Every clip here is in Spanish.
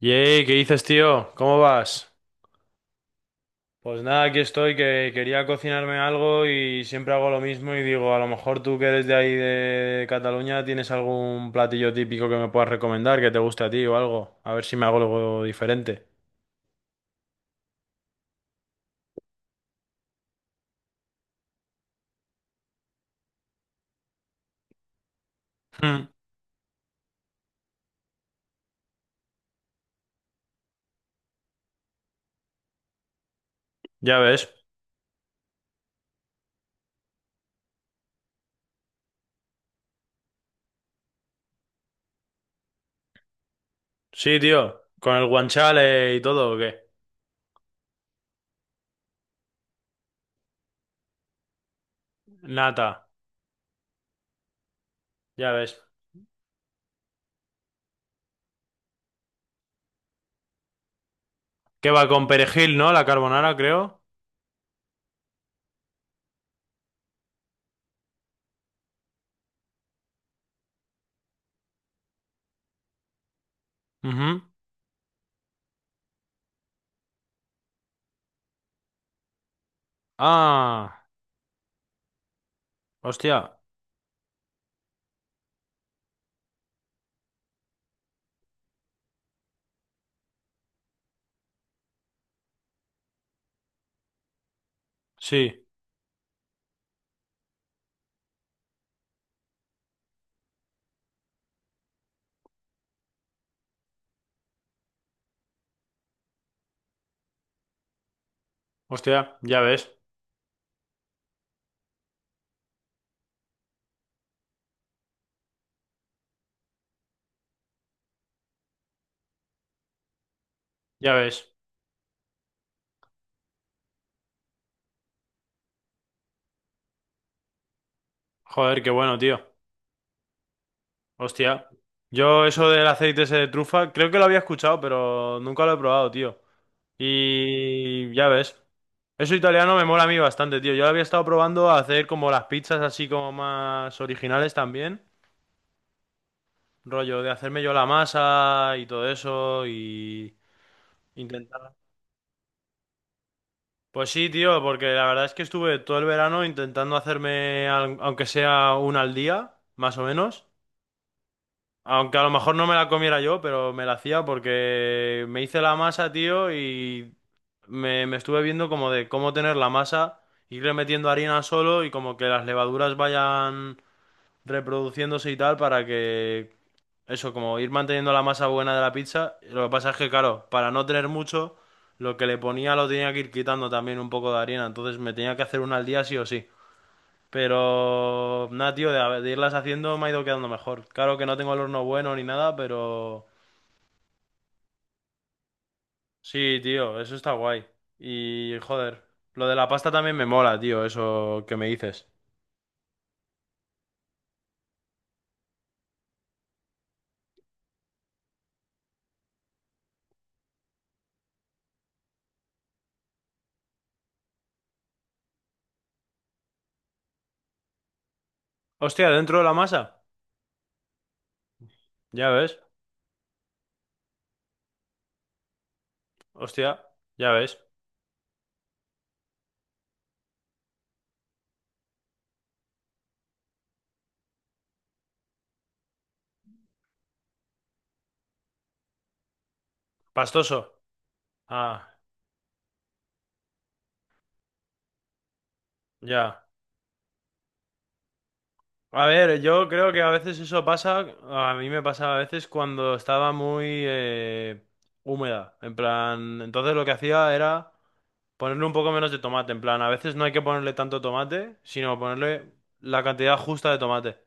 Yey, ¿qué dices, tío? ¿Cómo vas? Pues nada, aquí estoy, que quería cocinarme algo y siempre hago lo mismo y digo, a lo mejor tú que eres de ahí de Cataluña tienes algún platillo típico que me puedas recomendar, que te guste a ti o algo, a ver si me hago algo diferente. Hmm, ya ves. Sí, tío, con el guanchale y todo, ¿o qué? Nata, ya ves. ¿Qué va con perejil, no? La carbonara, creo. Ujú. Ah, hostia, sí, hostia, ya ves, ya ves. Joder, qué bueno, tío. Hostia, yo eso del aceite ese de trufa, creo que lo había escuchado, pero nunca lo he probado, tío. Y ya ves, eso italiano me mola a mí bastante, tío. Yo lo había estado probando a hacer como las pizzas así como más originales también, rollo de hacerme yo la masa y todo eso y intentar. Pues sí, tío, porque la verdad es que estuve todo el verano intentando hacerme, aunque sea una al día, más o menos. Aunque a lo mejor no me la comiera yo, pero me la hacía porque me hice la masa, tío, y me estuve viendo como de cómo tener la masa, irle metiendo harina solo y como que las levaduras vayan reproduciéndose y tal para que eso, como ir manteniendo la masa buena de la pizza. Lo que pasa es que, claro, para no tener mucho, lo que le ponía lo tenía que ir quitando también un poco de harina, entonces me tenía que hacer una al día sí o sí. Pero nada, tío, de irlas haciendo me ha ido quedando mejor. Claro que no tengo el horno bueno ni nada, pero sí, tío, eso está guay. Y joder, lo de la pasta también me mola, tío, eso que me dices. Hostia, dentro de la masa. Ya ves, hostia, ya ves. Pastoso. Ah, ya. A ver, yo creo que a veces eso pasa, a mí me pasaba a veces cuando estaba muy húmeda. En plan, entonces lo que hacía era... Ponerle un poco menos de tomate, en plan, a veces no hay que ponerle tanto tomate, sino ponerle la cantidad justa de tomate.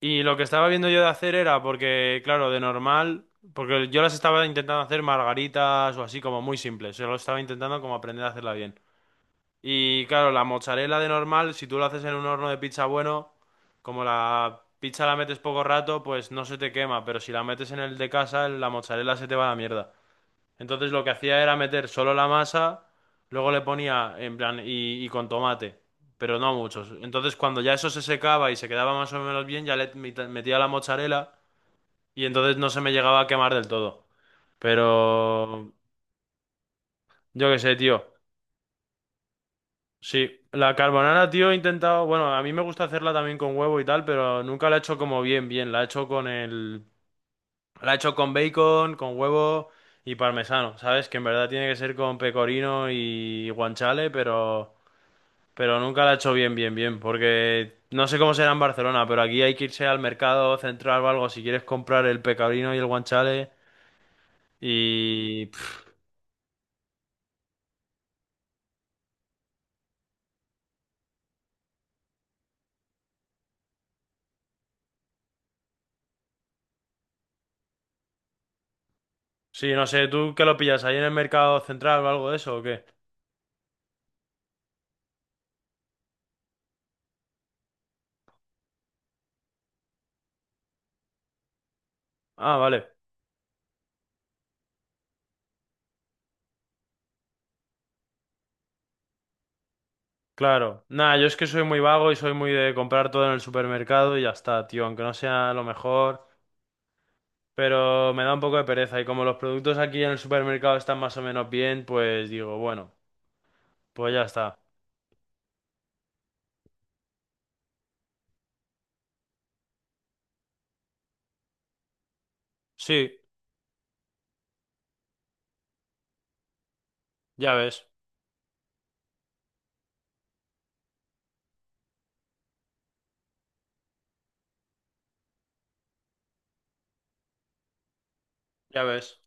Y lo que estaba viendo yo de hacer era, porque, claro, de normal, porque yo las estaba intentando hacer margaritas o así como muy simples, yo lo estaba intentando como aprender a hacerla bien. Y claro, la mozzarella de normal, si tú lo haces en un horno de pizza bueno, como la pizza la metes poco rato, pues no se te quema, pero si la metes en el de casa, la mozzarella se te va a la mierda. Entonces lo que hacía era meter solo la masa, luego le ponía en plan y con tomate, pero no muchos. Entonces cuando ya eso se secaba y se quedaba más o menos bien, ya metía la mozzarella y entonces no se me llegaba a quemar del todo. Pero yo qué sé, tío. Sí, la carbonara, tío, he intentado, bueno, a mí me gusta hacerla también con huevo y tal, pero nunca la he hecho como bien, bien. La he hecho con bacon, con huevo y parmesano, ¿sabes? Que en verdad tiene que ser con pecorino y guanciale, pero nunca la he hecho bien, bien, bien, porque no sé cómo será en Barcelona, pero aquí hay que irse al mercado central o algo si quieres comprar el pecorino y el guanchale. Y pf, sí, no sé, ¿tú qué lo pillas ahí en el mercado central o algo de eso o qué? Ah, vale, claro. Nada, yo es que soy muy vago y soy muy de comprar todo en el supermercado y ya está, tío, aunque no sea lo mejor, pero me da un poco de pereza y como los productos aquí en el supermercado están más o menos bien, pues digo, bueno, pues ya está. Sí, ya ves, ya ves.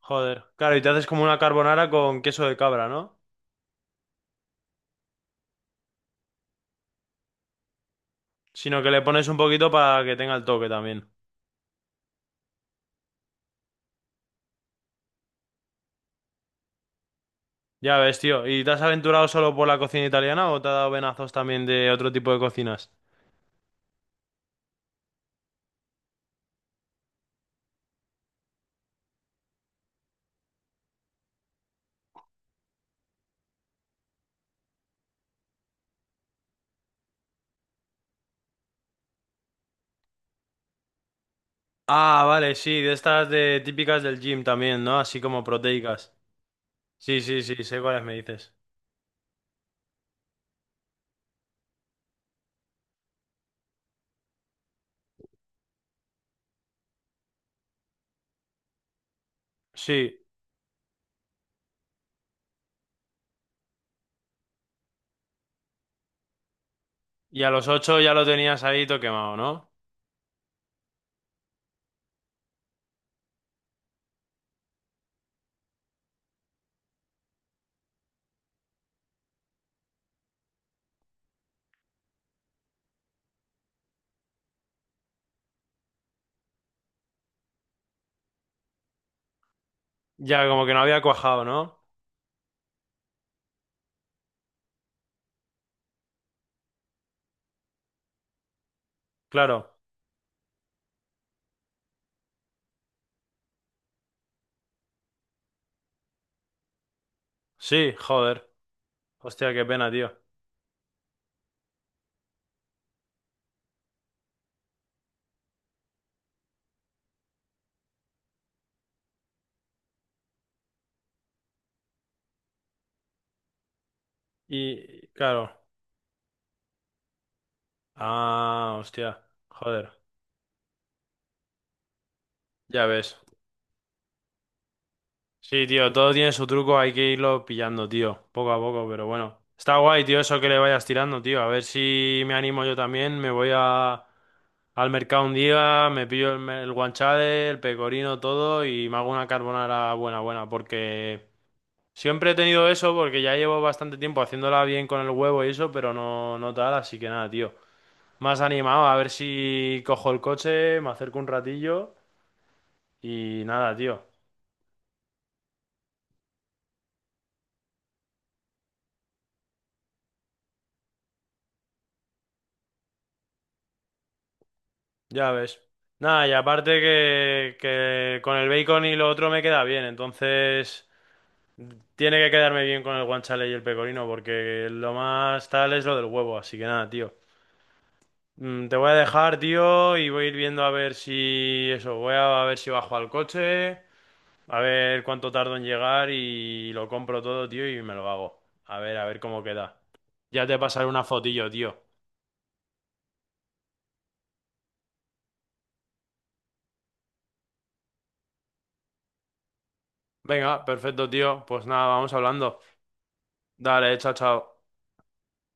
Joder. Claro, y te haces como una carbonara con queso de cabra, ¿no? Sino que le pones un poquito para que tenga el toque también. Ya ves, tío. ¿Y te has aventurado solo por la cocina italiana o te ha dado venazos también de otro tipo de cocinas? Ah, vale, sí, de estas de típicas del gym también, ¿no? Así como proteicas. Sí, sí, sí, sé cuáles me dices. Sí, y a los 8 ya lo tenías ahí todo quemado, ¿no? Ya, como que no había cuajado, ¿no? Claro. Sí, joder. Hostia, qué pena, tío. Y, claro. Ah, hostia. Joder. Ya ves. Sí, tío, todo tiene su truco, hay que irlo pillando, tío, poco a poco, pero bueno. Está guay, tío, eso que le vayas tirando, tío. A ver si me animo yo también, me voy a... al mercado un día, me pillo el, me- el guanchale, el pecorino, todo y me hago una carbonara buena, buena, porque siempre he tenido eso, porque ya llevo bastante tiempo haciéndola bien con el huevo y eso, pero no, no tal, así que nada, tío. Más animado, a ver si cojo el coche, me acerco un ratillo y nada, tío. Ya ves. Nada, y aparte que con el bacon y lo otro me queda bien, entonces tiene que quedarme bien con el guanciale y el pecorino, porque lo más tal es lo del huevo, así que nada, tío. Mm, te voy a dejar, tío, y voy a ir viendo a ver si eso, voy a ver si bajo al coche, a ver cuánto tardo en llegar y lo compro todo, tío, y me lo hago. A ver cómo queda. Ya te pasaré una fotillo, tío. Venga, perfecto, tío. Pues nada, vamos hablando. Dale, chao, chao.